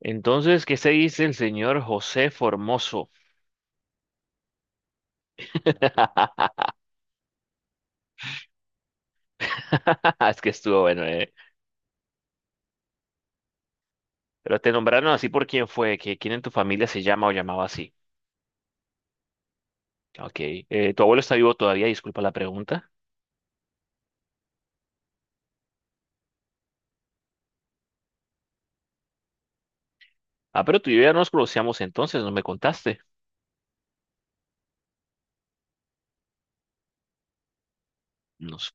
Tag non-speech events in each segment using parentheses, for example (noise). Entonces, ¿qué se dice el señor José Formoso? (laughs) Es que estuvo bueno, ¿eh? Pero te nombraron así por quién fue, que quién en tu familia se llama o llamaba así. Ok. ¿Tu abuelo está vivo todavía? Disculpa la pregunta. Ah, pero tú y yo ya nos conocíamos entonces, no me contaste. Nos...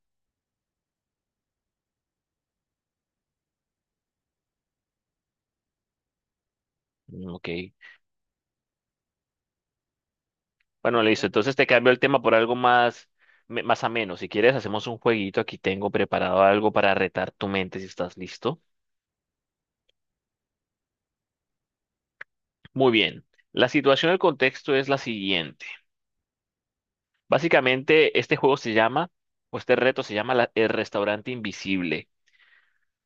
Ok. Bueno, listo. Entonces te cambio el tema por algo más, más ameno. Si quieres, hacemos un jueguito. Aquí tengo preparado algo para retar tu mente si estás listo. Muy bien. La situación, el contexto es la siguiente. Básicamente, este juego se llama, o este reto se llama el restaurante invisible.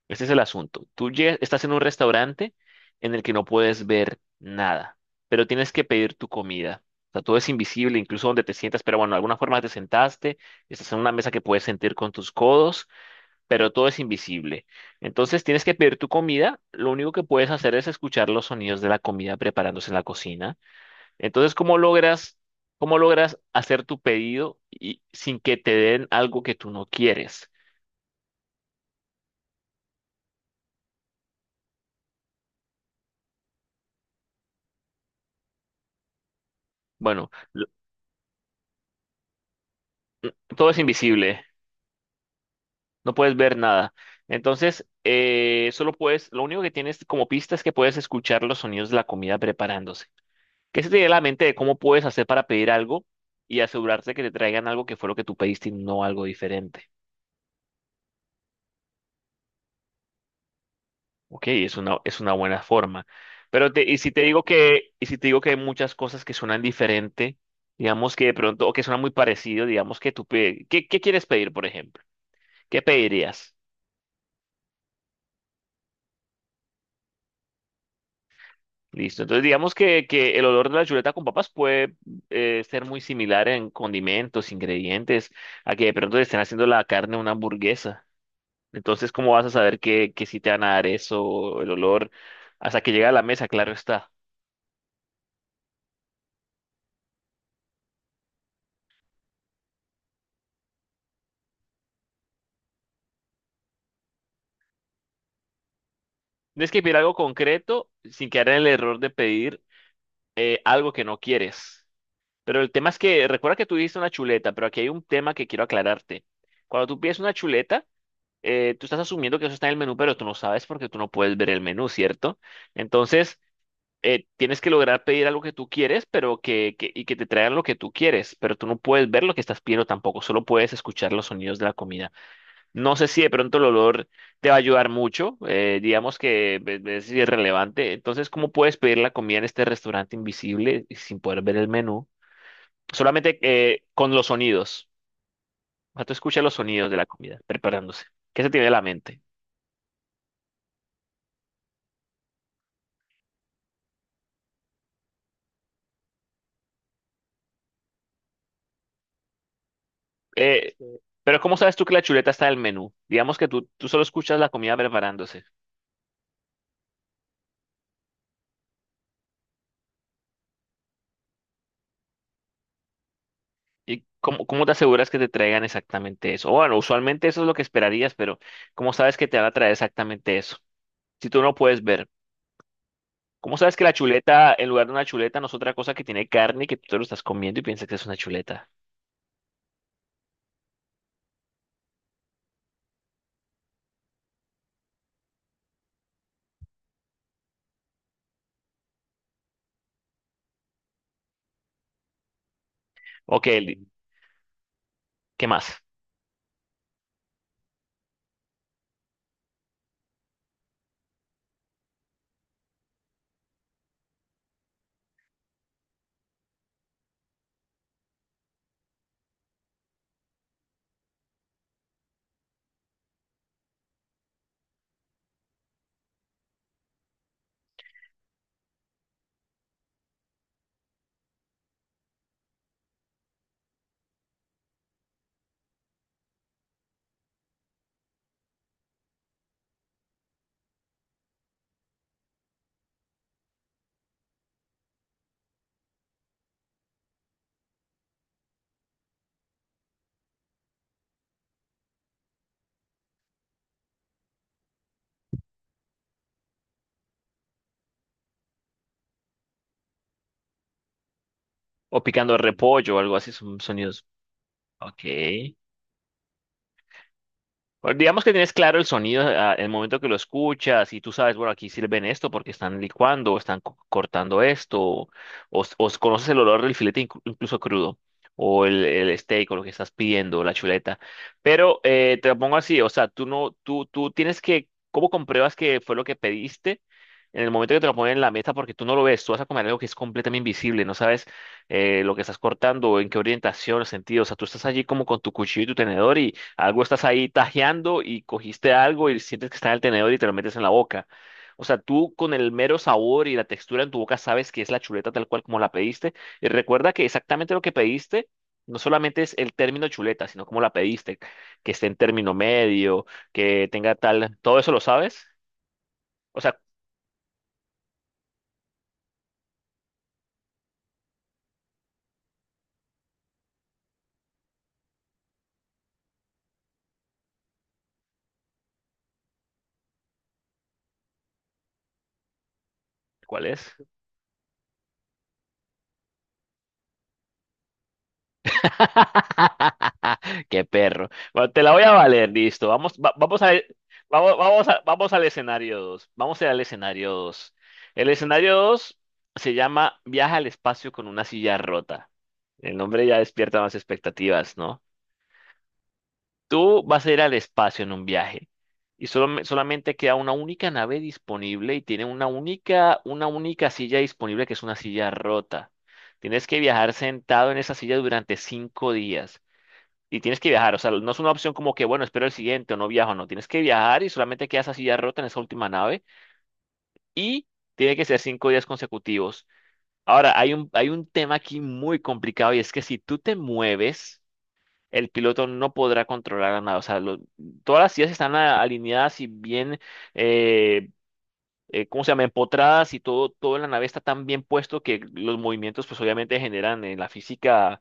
Este es el asunto. Estás en un restaurante en el que no puedes ver nada, pero tienes que pedir tu comida. O sea, todo es invisible, incluso donde te sientas, pero bueno, de alguna forma te sentaste, estás en una mesa que puedes sentir con tus codos, pero todo es invisible. Entonces tienes que pedir tu comida, lo único que puedes hacer es escuchar los sonidos de la comida preparándose en la cocina. Entonces, ¿cómo logras hacer tu pedido y sin que te den algo que tú no quieres? Bueno, todo es invisible, no puedes ver nada. Entonces, solo puedes, lo único que tienes como pista es que puedes escuchar los sonidos de la comida preparándose. ¿Qué se te viene a la mente de cómo puedes hacer para pedir algo y asegurarte que te traigan algo que fue lo que tú pediste y no algo diferente? Ok, es una buena forma. Pero te, y si te digo que hay muchas cosas que suenan diferente, digamos que de pronto, o que suenan muy parecido, digamos que ¿qué, qué quieres pedir, por ejemplo? ¿Qué pedirías? Listo. Entonces, digamos que el olor de la chuleta con papas puede ser muy similar en condimentos, ingredientes, a que de pronto le estén haciendo la carne a una hamburguesa. Entonces, ¿cómo vas a saber que si te van a dar eso, el olor, hasta que llegue a la mesa, claro está? Tienes que pedir algo concreto sin quedar en el error de pedir algo que no quieres. Pero el tema es que, recuerda que tú dijiste una chuleta, pero aquí hay un tema que quiero aclararte. Cuando tú pides una chuleta, tú estás asumiendo que eso está en el menú, pero tú no sabes porque tú no puedes ver el menú, ¿cierto? Entonces, tienes que lograr pedir algo que tú quieres, pero y que te traigan lo que tú quieres, pero tú no puedes ver lo que estás pidiendo tampoco, solo puedes escuchar los sonidos de la comida. No sé si de pronto el olor te va a ayudar mucho, digamos que ve si es irrelevante. Entonces, ¿cómo puedes pedir la comida en este restaurante invisible y sin poder ver el menú? Solamente con los sonidos. O sea, tú escuchas los sonidos de la comida preparándose. ¿Qué se tiene en la mente? Sí. Pero ¿cómo sabes tú que la chuleta está en el menú? Digamos que tú solo escuchas la comida preparándose. ¿Y cómo te aseguras que te traigan exactamente eso? Bueno, usualmente eso es lo que esperarías, pero ¿cómo sabes que te van a traer exactamente eso? Si tú no puedes ver. ¿Cómo sabes que la chuleta, en lugar de una chuleta, no es otra cosa que tiene carne y que tú te lo estás comiendo y piensas que es una chuleta? Ok, ¿qué más? O picando repollo o algo así, son sonidos. Ok. Bueno, digamos que tienes claro el sonido ah, el momento que lo escuchas y tú sabes, bueno, aquí sirven esto porque están licuando, o están cortando esto, o, conoces el olor del filete incluso crudo, o el steak o lo que estás pidiendo, la chuleta. Pero te lo pongo así, o sea, tú no, tú tienes que, ¿cómo compruebas que fue lo que pediste? En el momento que te lo ponen en la mesa, porque tú no lo ves, tú vas a comer algo que es completamente invisible, no sabes lo que estás cortando, en qué orientación, sentido, o sea, tú estás allí como con tu cuchillo y tu tenedor algo estás ahí tajeando y cogiste algo y sientes que está en el tenedor y te lo metes en la boca. O sea, tú con el mero sabor y la textura en tu boca sabes que es la chuleta tal cual como la pediste. Y recuerda que exactamente lo que pediste no solamente es el término chuleta, sino cómo la pediste, que esté en término medio, que tenga tal, todo eso lo sabes. O sea, ¿cuál es? (laughs) Qué perro. Bueno, te la voy a valer, listo. Vamos, vamos al escenario 2. Vamos a ir al escenario 2. El escenario 2 se llama Viaja al espacio con una silla rota. El nombre ya despierta más expectativas, ¿no? Tú vas a ir al espacio en un viaje y solo, solamente queda una única nave disponible y tiene una única silla disponible que es una silla rota. Tienes que viajar sentado en esa silla durante 5 días. Y tienes que viajar, o sea, no es una opción como que, bueno, espero el siguiente o no viajo, no, tienes que viajar y solamente quedas así ya rota en esa última nave y tiene que ser 5 días consecutivos. Ahora, hay un tema aquí muy complicado y es que si tú te mueves, el piloto no podrá controlar la nave, o sea, lo- todas las sillas están alineadas y bien eh, ¿cómo se llama? Empotradas y todo, todo en la nave está tan bien puesto que los movimientos pues obviamente generan en la física,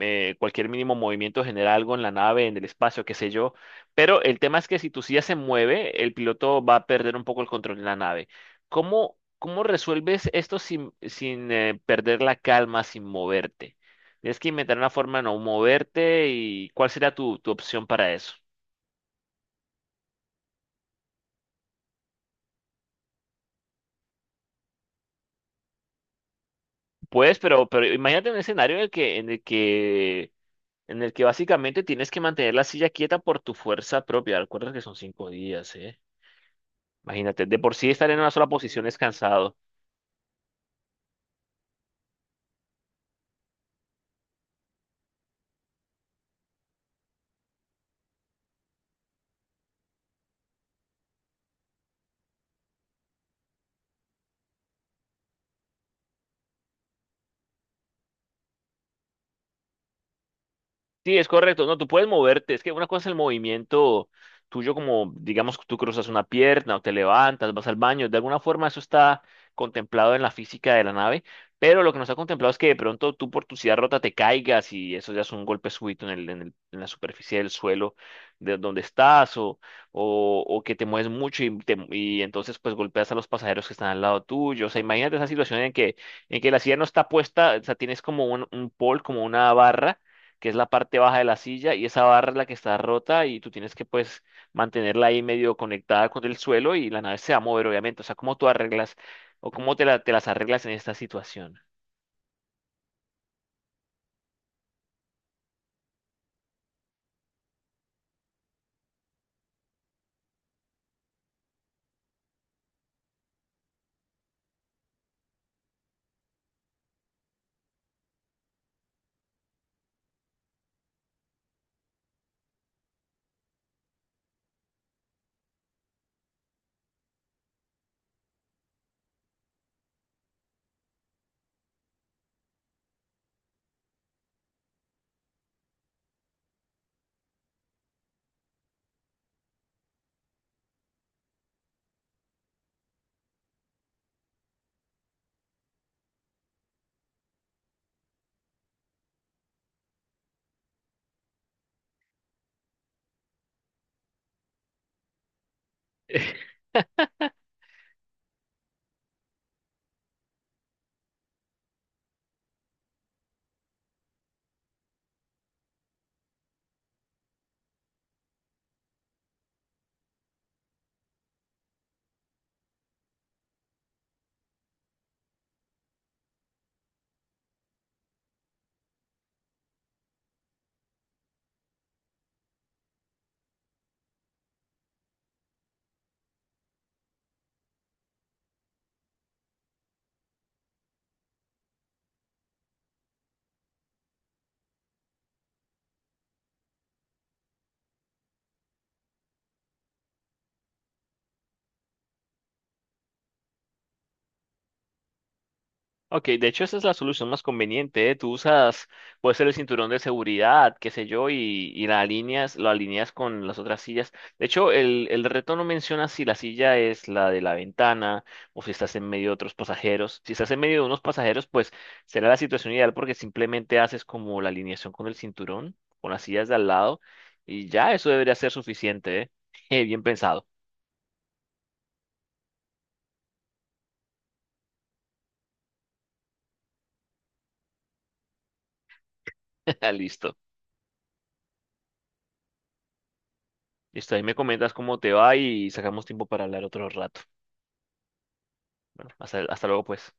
cualquier mínimo movimiento genera algo en la nave, en el espacio, qué sé yo. Pero el tema es que si tu silla se mueve, el piloto va a perder un poco el control de la nave. Cómo resuelves esto sin perder la calma, sin moverte? Tienes que inventar una forma de no moverte y ¿cuál sería tu opción para eso? Pero imagínate un escenario en el que básicamente tienes que mantener la silla quieta por tu fuerza propia. Recuerda que son 5 días, ¿eh? Imagínate, de por sí estar en una sola posición es cansado. Sí, es correcto. No, tú puedes moverte. Es que una cosa es el movimiento tuyo, como digamos, tú cruzas una pierna o te levantas, vas al baño. De alguna forma eso está contemplado en la física de la nave, pero lo que no está contemplado es que de pronto tú por tu silla rota te caigas y eso ya es un golpe súbito en el, en la superficie del suelo de donde estás o, o que te mueves mucho y, y entonces pues golpeas a los pasajeros que están al lado tuyo. O sea, imagínate esa situación en que la silla no está puesta, o sea, tienes como un pole, como una barra que es la parte baja de la silla, y esa barra es la que está rota y tú tienes que pues mantenerla ahí medio conectada con el suelo y la nave se va a mover, obviamente. O sea, ¿cómo tú arreglas o cómo te las arreglas en esta situación? Ok, de hecho esa es la solución más conveniente, ¿eh? Tú usas, puede ser el cinturón de seguridad, qué sé yo, y la alineas, lo alineas con las otras sillas. De hecho, el reto no menciona si la silla es la de la ventana o si estás en medio de otros pasajeros. Si estás en medio de unos pasajeros, pues será la situación ideal porque simplemente haces como la alineación con el cinturón, con las sillas de al lado, y ya eso debería ser suficiente, ¿eh? (laughs) Bien pensado. (laughs) Listo. Listo, ahí me comentas cómo te va y sacamos tiempo para hablar otro rato. Bueno, hasta luego, pues.